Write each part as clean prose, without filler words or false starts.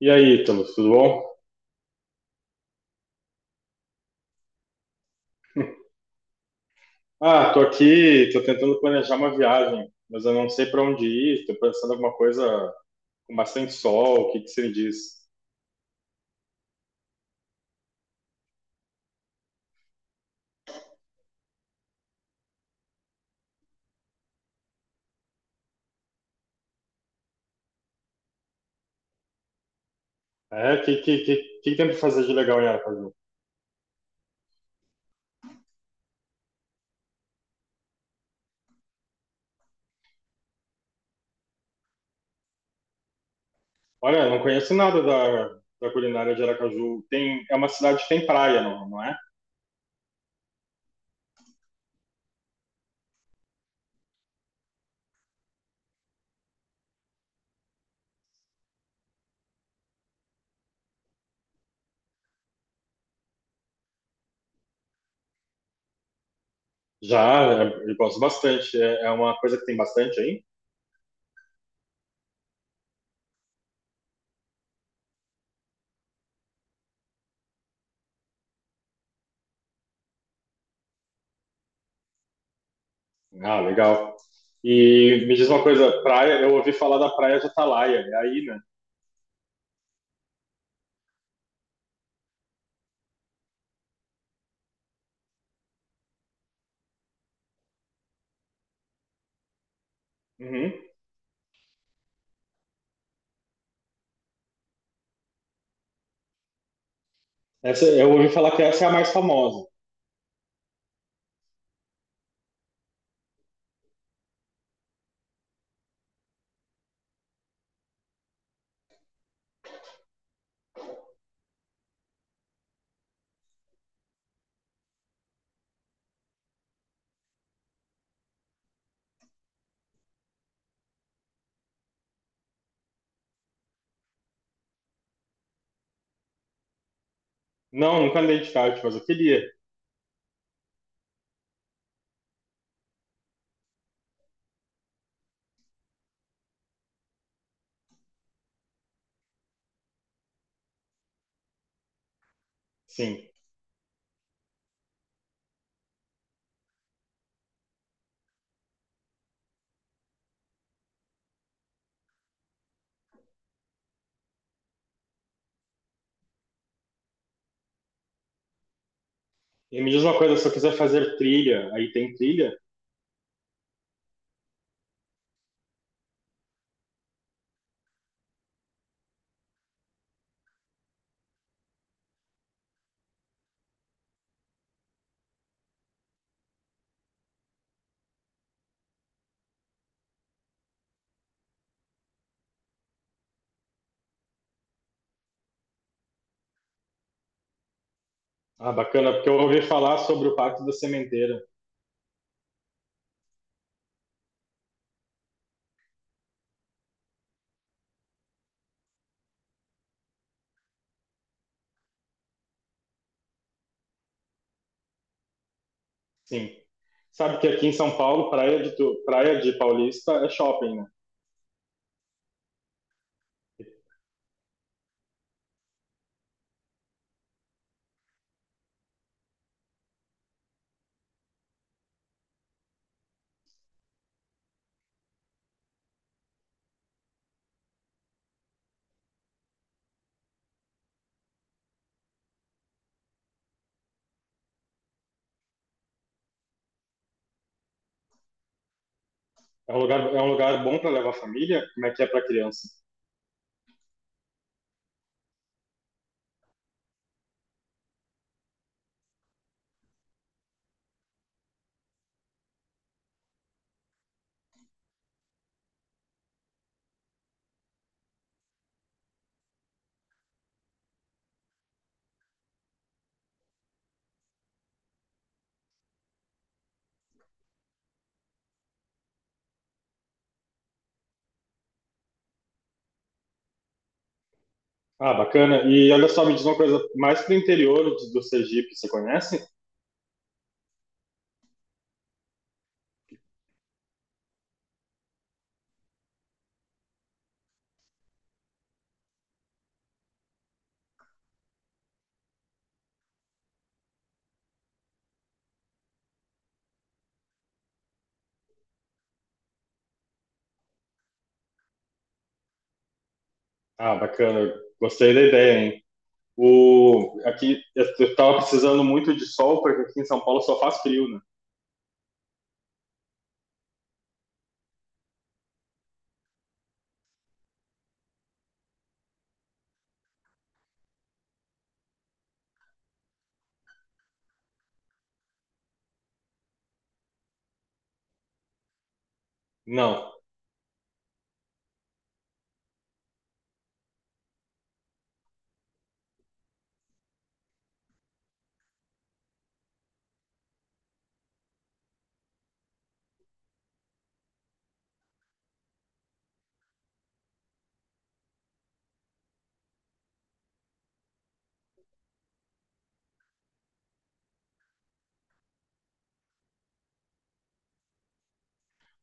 E aí, Ítalo, tudo bom? Tô aqui, tô tentando planejar uma viagem, mas eu não sei para onde ir. Tô pensando em alguma coisa com bastante sol. O que que você me diz? O que tem para fazer de legal em Aracaju? Olha, eu não conheço nada da culinária de Aracaju. Tem, é uma cidade que tem praia, não é? Já, é, eu gosto bastante. É, é uma coisa que tem bastante aí? Ah, legal. E me diz uma coisa, praia, eu ouvi falar da praia de Atalaia, é aí, né? Uhum. Essa, eu ouvi falar que essa é a mais famosa. Não, nunca andei de kart, mas eu queria. Sim. E me diz uma coisa, se eu quiser fazer trilha, aí tem trilha? Ah, bacana, porque eu ouvi falar sobre o Pacto da Sementeira. Sim. Sabe que aqui em São Paulo, praia de, praia de Paulista é shopping, né? É um lugar bom para levar a família? Como é que é para criança? Ah, bacana. E olha só, me diz uma coisa, mais pro interior do Sergipe, você conhece? Ah, bacana. Gostei da ideia, hein? O, aqui, eu tava precisando muito de sol, porque aqui em São Paulo só faz frio, né? Não.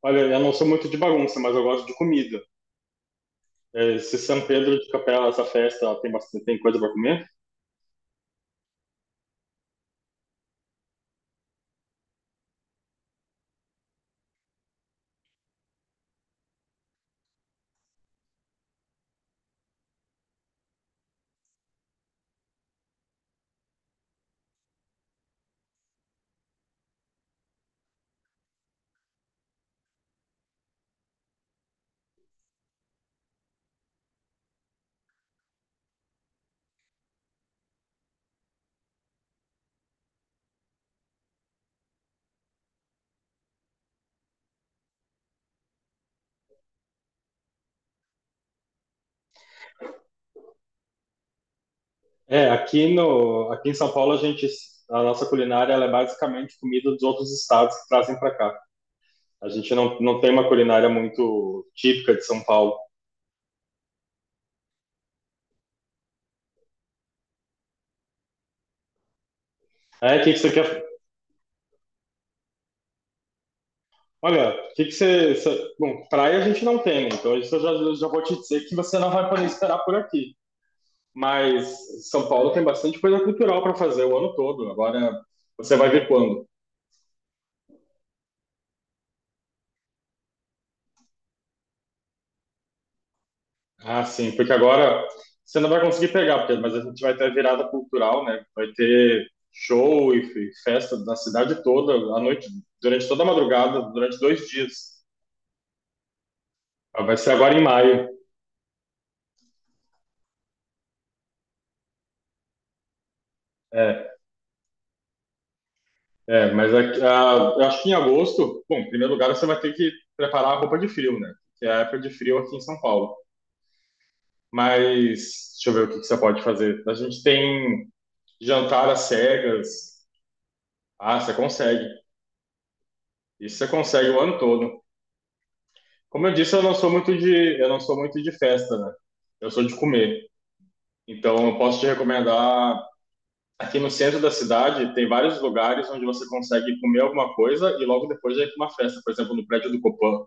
Olha, eu não sou muito de bagunça, mas eu gosto de comida. É, se São Pedro de Capela, essa festa, ela tem bastante tem coisa para comer? É, aqui no aqui em São Paulo a gente, a nossa culinária, ela é basicamente comida dos outros estados que trazem para cá. A gente não tem uma culinária muito típica de São Paulo. É, o que que você quer? Olha, o que que você Bom, praia a gente não tem, né? Então isso eu já vou te dizer que você não vai poder esperar por aqui. Mas São Paulo tem bastante coisa cultural para fazer o ano todo. Agora você vai ver quando. Ah, sim, porque agora você não vai conseguir pegar, porque, mas a gente vai ter a virada cultural, né? Vai ter show e festa na cidade toda, à noite, durante toda a madrugada, durante dois dias. Ah, vai ser agora em maio. É, mas aqui, ah, eu acho que em agosto, bom, em primeiro lugar você vai ter que preparar a roupa de frio, né? Que é a época de frio aqui em São Paulo. Mas deixa eu ver o que que você pode fazer. A gente tem jantar às cegas. Ah, você consegue. Isso você consegue o ano todo. Como eu disse, eu não sou muito de, eu não sou muito de festa, né? Eu sou de comer. Então, eu posso te recomendar. Aqui no centro da cidade, tem vários lugares onde você consegue comer alguma coisa e logo depois já ir para uma festa. Por exemplo, no prédio do Copan.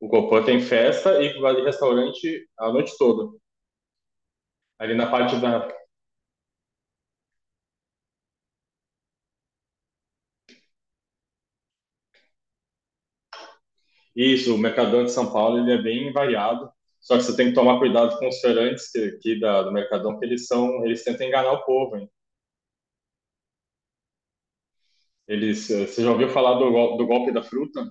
O Copan tem festa e vai de restaurante a noite toda. Ali na parte da. Isso, o Mercadão de São Paulo, ele é bem variado. Só que você tem que tomar cuidado com os feirantes aqui do Mercadão, que eles são, eles tentam enganar o povo, hein? Eles, você já ouviu falar do, do golpe da fruta?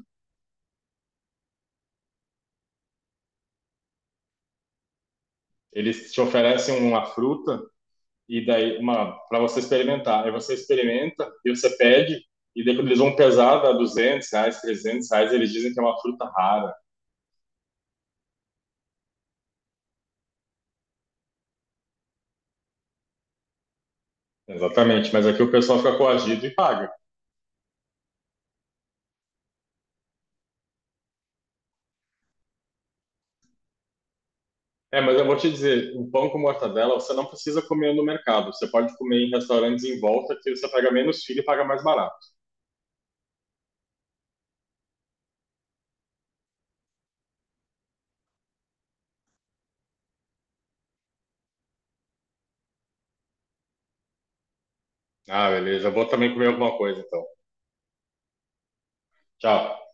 Eles te oferecem uma fruta e daí uma para você experimentar. Aí você experimenta e você pede, e daí quando eles vão pesar, dá R$ 200, R$ 300, eles dizem que é uma fruta rara. Exatamente, mas aqui o pessoal fica coagido e paga. É, mas eu vou te dizer, um pão com mortadela você não precisa comer no mercado. Você pode comer em restaurantes em volta que você paga menos filho e paga mais barato. Ah, beleza. Eu vou também comer alguma coisa então. Tchau.